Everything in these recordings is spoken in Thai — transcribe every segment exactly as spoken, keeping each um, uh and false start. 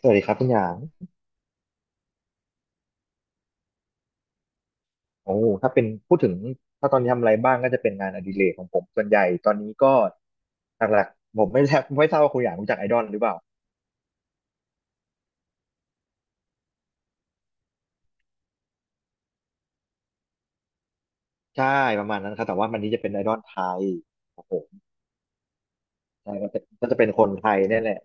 สวัสดีครับคุณหยางโอ้ถ้าเป็นพูดถึงถ้าตอนนี้ทำอะไรบ้างก็จะเป็นงานอดิเรกของผมส่วนใหญ่ตอนนี้ก็หลักๆผมไม่แทบไม่ทราบว่าคุณหยางรู้จักไอดอลหรือเปล่าใช่ประมาณนั้นครับแต่ว่ามันนี้จะเป็นไอดอลไทยครับผมใช่ก็จะก็จะเป็นคนไทยเนี่ยแหละ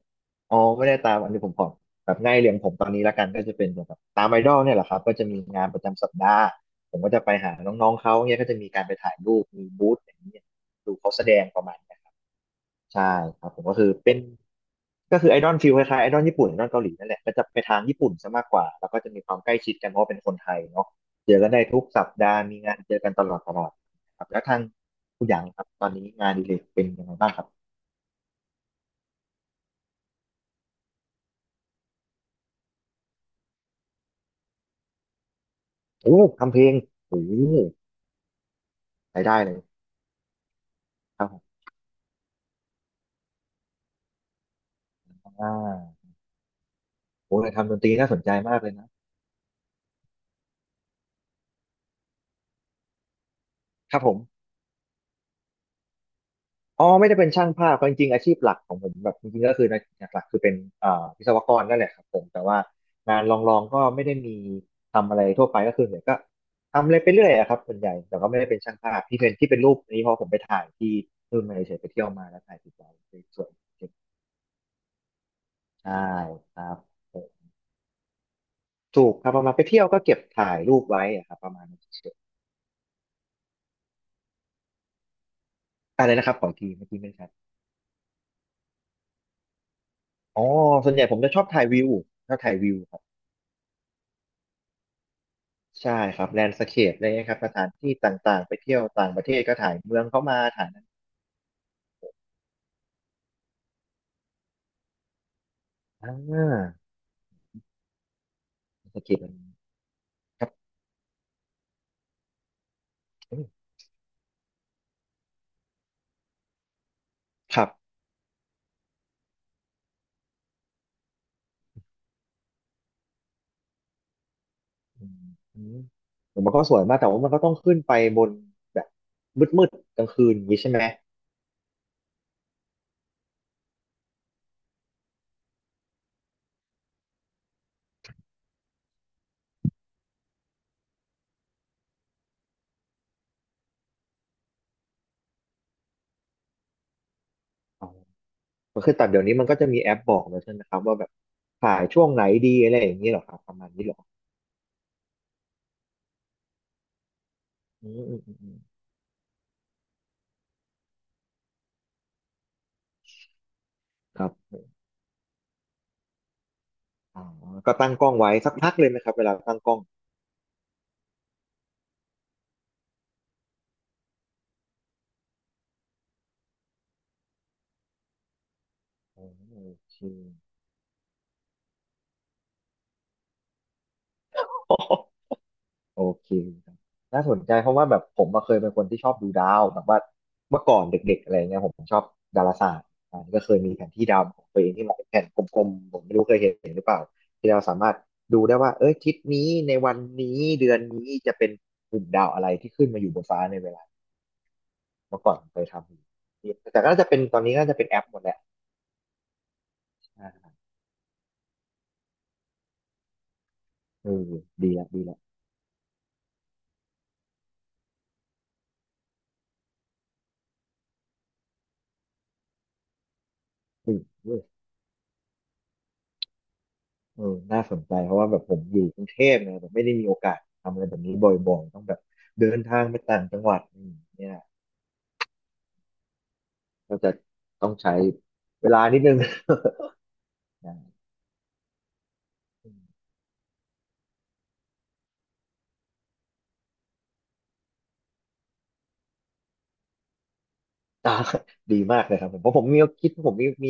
อ๋อไม่ได้ตามอันนี้ผมขอแบบง่ายเรียงผมตอนนี้ละกันก็จะเป็นแบบตามไอดอลเนี่ยแหละครับก็จะมีงานประจำสัปดาห์ผมก็จะไปหาน้องๆเขาเนี่ยก็จะมีการไปถ่ายรูปมีบูธอย่างนี้ยดูเขาแสดงประมาณ ใช่ครับผมก็คือเป็นก็คือไอดอลฟิลคล้ายๆไอดอลญี่ปุ่นไอดอลเกาหลีนั่นแหละก็จะไปทางญี่ปุ่นซะมากกว่าแล้วก็จะมีความใกล้ชิดกันเพราะว่าเป็นคนไทยเนาะเจอกันได้ทุกสัปดาห์มีงานเจอกันตลอดตลอดครับแล้วทางคุณหยางครับตอนนี้งานอดิเรกเป็นยังไงบ้างครับโอ้ทำเพลงโอ้รายได้เลยครับผมอ่าโอ้ยทำดนตรีน่าสนใจมากเลยนะครับผม อ๋อไม่ได้เป็นช่างภาพจริงๆอาชีพหลักของผมแบบจริงๆก็คือนะหลักๆคือเป็นเอ่อวิศวกรนั่นแหละครับผมแต่ว่างานลองๆก็ไม่ได้มีทำอะไรทั่วไปก็คือเนี่ยก็ทำอะไรไปเรื่อยอะครับส่วนใหญ่แต่ก็ไม่ได้เป็นช่างภาพที่เป็นที่เป็นรูปนี้เพราะผมไปถ่ายที่นู่นมาเฉยๆไปเที่ยวมาแล้วถ่ายติดไวสวยๆใช่ครับผมถูกครับประมาณไปเที่ยวก็เก็บถ่ายรูปไว้อะครับประมาณนั้นเฉยๆอะไรนะครับขออีกทีเมื่อกี้ไม่ชัดอ๋อส่วนใหญ่ผมจะชอบถ่ายวิวชอบถ่ายวิว ใช่ครับแลนด์สเคปอะไรเงี้ยครับสถานที่ต่างๆไปเที่ยวต่างประเทศก็ถ่ายเมืองเข้ามาถ่ายนั้นอ่าสเคปมันครับเอ้ยครับอืมอืมผมมันก็สวยมากแต่ว่ามันก็ต้องขึ้นไปบนแบบมืดๆกลางคืนอย่างนี้ใช่ไหมอ๋อมัคือแต่เดี๋ยวนี้มันก็จะมีแอปบอกเลยใช่ไหมครับว่าแบบถ่ายช่วงไหนดีอะไรอย่างนี้เหรอครับประมาณนี้เหรออืมอืมอืมอืมครับอ๋อก็ตั้งกล้องไว้สักพักเลยไหมครับเวลาตั้งกล้องอ๋อโอเค โอเคครับน่าสนใจเพราะว่าแบบผมอะเคยเป็นคนที่ชอบดูดาวแบบว่าเมื่อก่อนเด็กๆอะไรเงี้ยผมชอบดาราศาสตร์อ่าก็เคยมีแผนที่ดาวของตัวเองที่มันเป็นแผ่นกลมๆผมไม่รู้เคยเห็นหรือเปล่าที่เราสามารถดูได้ว่าเอ้ยทิศนี้ในวันนี้เดือนนี้จะเป็นกลุ่มดาวอะไรที่ขึ้นมาอยู่บนฟ้าในเวลาเมื่อก่อนเคยทำอยู่แต่ก็น่าจะเป็นตอนนี้ก็น่าจะเป็นแอปหมดแหละอ่าเออดีละดีละอืม เออน่าสนใจเพราะว่าแบบผมอยู่กรุงเทพไงแบบไม่ได้มีโอกาสทำอะไรแบบนี้บ่อยๆต้องแบบเดินทางไปต่างจังหวัดอืมเนี่ยก็จะต้องใช้เวลานิดนึง นะอืมอ่าดีมากเลยครับผมเพราะผมมีคิดผมมีมี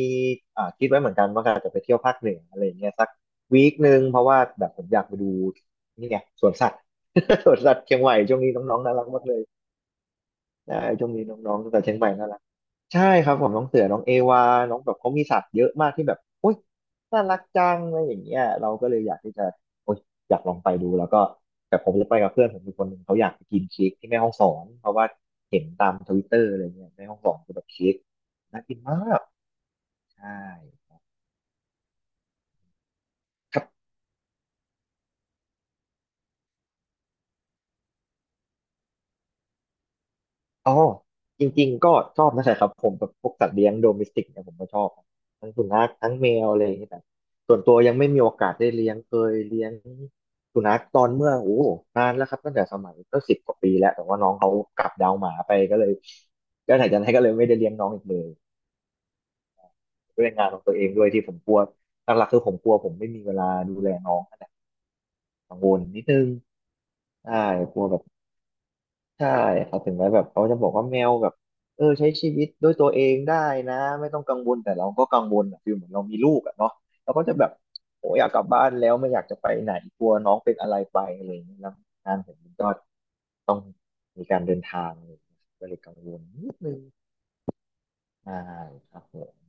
อ่าคิดไว้เหมือนกันว่าอาจจะไปเที่ยวภาคเหนืออะไรอย่างเงี้ยสักวีคหนึ่งเพราะว่าแบบผมอยากไปดูนี่ไงสวนสัตว์ สวนสัตว์เชียงใหม่ช่วงนี้น้องๆน่ารักมากเลย ได้ช่วงนี้น้องๆแต่เชียงใหม่น่ารักใช่ครับผมน้องเสือน้องเอวาน้องแบบเขามีสัตว์เยอะมากที่แบบโอ๊ยน่ารักจังอะไรอย่างเงี้ยเราก็เลยอยากที่จะโอ๊ยอยากลองไปดูแล้วก็แต่ผมจะไปกับเพื่อนผมอีกคนหนึ่งเขาอยากไปกินเค้กที่แม่ฮ่องสอนเพราะว่าเห็นตามทวิตเตอร์อะไรเงี้ยแม่ฮ่องสอนคือแบบเค้กน่ากินมากใช่ อ๋อจริงๆก็ชอบนะใช่ครับผมแบบพวกสัตว์เลี้ยงโดเมสติกเนี่ยผมก็ชอบทั้งสุนัขทั้งแมวอะไรอย่างเงี้ยแต่ส่วนตัวยังไม่มีโอกาสได้เลี้ยงเคยเลี้ยงสุนัขตอนเมื่อโอ้โหนานแล้วครับตั้งแต่สมัยก็สิบกว่าปีแล้วแต่ว่าน้องเขากลับดาวหมาไปก็เลยก็ไหนจากนั้นก็เลยไม่ได้เลี้ยงน้องอีกเลยด้วยงานของตัวเองด้วยที่ผมกลัวหลักๆคือผมกลัวผมไม่มีเวลาดูแลน้องกังวลนิดนึงใช่กลัวแบบ ใช่ครับถึงแม้แบบเขาจะบอกว่าแมวแบบเออใช้ชีวิตด้วยตัวเองได้นะไม่ต้องกังวลแต่เราก็กังวลอะฟิลเหมือนเรามีลูกอะเนาะเราก็จะแบบโอ้อยากกลับบ้านแล้วไม่อยากจะไปไหนกลัวน้องเป็นอะไรไปอะไรอย่างเงี้ยแล้วงานผมมันก็มีการเดินทางอะไรอย่างเงี้ยก็เลยกังวลนิดนึงใช่ครับผม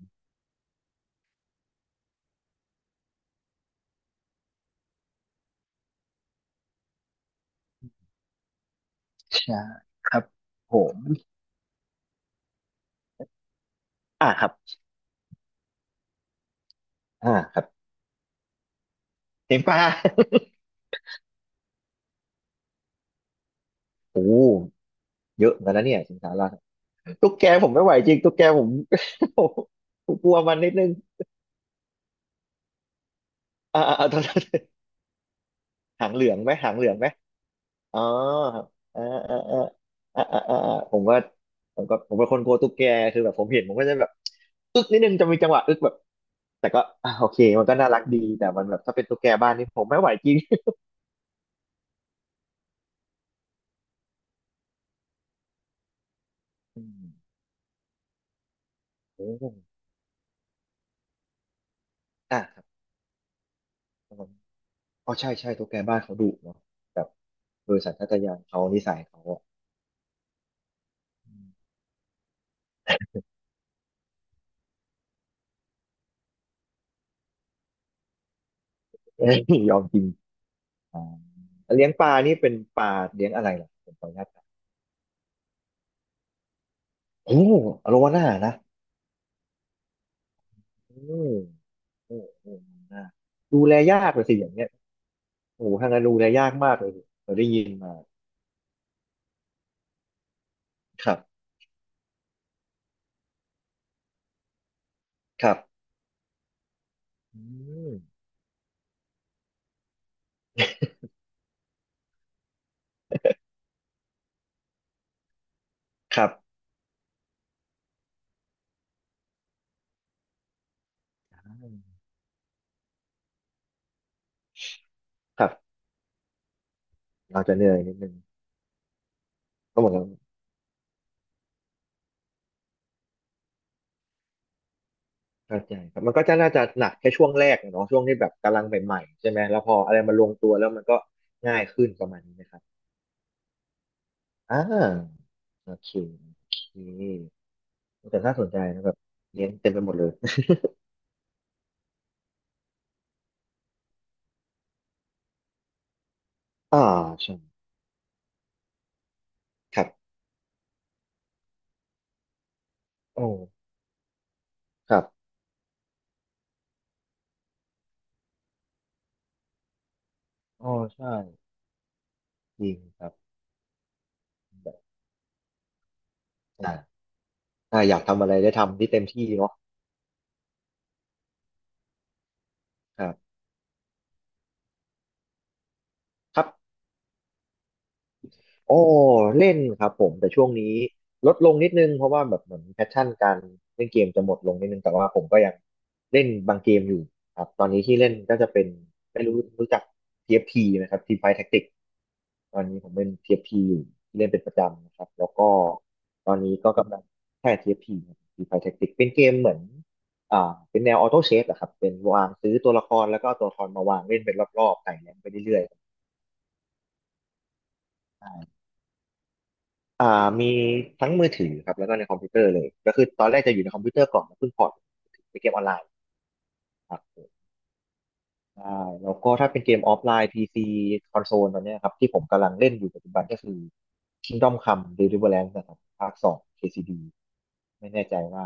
ใช่ครับผมอ่าครับอ่าครับเต็มปลา โอ้เยอะเหมือนกันนะเนี่ยสิงสาราตุ๊กแกผมไม่ไหวจริงตุ๊กแกผม ผมกลัวมันนิดนึงอ่าอ่า หางเหลืองไหมหางเหลืองไหมอ๋ออ่าอ่าอ่าอ่าอ่าอ่าอ่าผมว่าผมก็ผมเป็นคนกลัวตุ๊กแกคือแบบผมเห็นผมก็จะแบบอึกนิดนึงจะมีจังหวะอึกแบบแต่ก็อ่าโอเคมันก็น่ารักดีแต่มันแบบถ้าเป็นตุ๊กแกบ้านนี่ผมไม่ไหวจริง อืมโอ้อ่ะครับผมอ๋อใช่ใช่ตุ๊กแกบ้านเขาดุเนาะแบบโดยสัญชาตญาณเขานิสัยเขาอ่ะ อืมเอ้ยยอมกินอ่าแล้วเลี้ยงปลานี่เป็นปลาเลี้ยงอะไรล่ะผมขออนุญาตถามโอ้อโลวาน่านะอืม เออเออนะดูแลยากเลยสิอย่างเงี้ยโอ้โหทางการดูแลยากมากเลยเราได้ยินมาครับครับอืมครับอมครับเราจะเหนื่อยนิดนึงก็เหมือนกันเข้าใจครับมันก็จะน่าจะหนักแค่ช่วงแรกอะเนาะช่วงที่แบบกำลังใหม่ๆใช่ไหมแล้วพออะไรมันลงตัวแล้วมันก็ง่ายขึ้นประมาณนี้นะครับอ่าโอเคโอเคแต่น่าสนใจนะแบบเลี้ยงเต็มไปหมดเลย อ่าใช่ครับโอ้ครับอ๋อใช่จริงครับแบบอ่า อ่าอยากทำอะไรได้ทำที่เต็มที่เนาะครับครับ โอ้เล่นครับผมแต่ช่วงนี้ลดลงนิดนึงเพราะว่าแบบเหมือนแพชชั่นการเล่นเกมจะหมดลงนิดนึงแต่ว่าผมก็ยังเล่นบางเกมอยู่ครับตอนนี้ที่เล่นก็จะเป็นไม่รู้รู้จัก ที เอฟ ที ไหมครับ Team Fight Tactics ตอนนี้ผมเล่น ที เอฟ ที อฟทีอยู่ที่เล่นเป็นประจำนะครับแล้วก็ตอนนี้ก็กำลังแค่ ที เอฟ ที ครับ Team Fight Tactics เป็นเกมเหมือนอ่าเป็นแนวออโต้เชฟอะครับเป็นวางซื้อตัวละครแล้วก็เอาตัวละครมาวางเล่นเป็นรอบๆไต่แรงไปเรื่อยๆ อ่ามีทั้งมือถือครับแล้วก็ในคอมพิวเตอร์เลยก็คือตอนแรกจะอยู่ในคอมพิวเตอร์ก่อนแล้วเพิ่งพอร์ตไปเกมออนไลน์ครับใช่แล้วก็ถ้าเป็นเกมออฟไลน์ พี ซี คอนโซลตอนเนี้ยครับที่ผมกำลังเล่นอยู่ปัจจุบันก็คือ Kingdom Come Deliverance นะครับภาคสอง เค ซี ดี ไม่แน่ใจว่า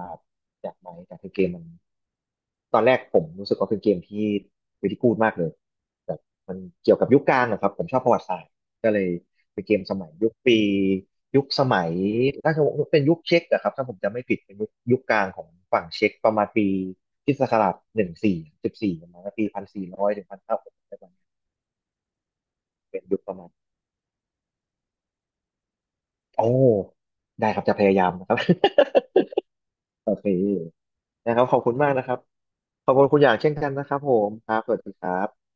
จากไหมแต่คือเกมมันตอนแรกผมรู้สึกว่าเป็นเกมที่ r ิ a ีกูดมากเลยแต่มันเกี่ยวกับยุคกลางนะครับผมชอบประวัติศาสตร์ก็เลย เป็นเกมสมัยยุคปียุคสมัยถ้าจะบอกว่าเป็นยุคเช็กอะครับถ้าผมจำไม่ผิดเป็นยุคยุคกลางของฝั่งเช็กประมาณปีคริสตศักราชหนึ่งสี่สิบสี่ประมาณปีพันสี่ร้อยถึงพันห้าร้อยประมาณเป็นยุคประมาณโอ้ได้ครับจะพยายามนะครับ โอเคนะครับขอบคุณมากนะครับขอบคุณคุณอย่างเช่นกันนะครับผมครับสวัสดีครับ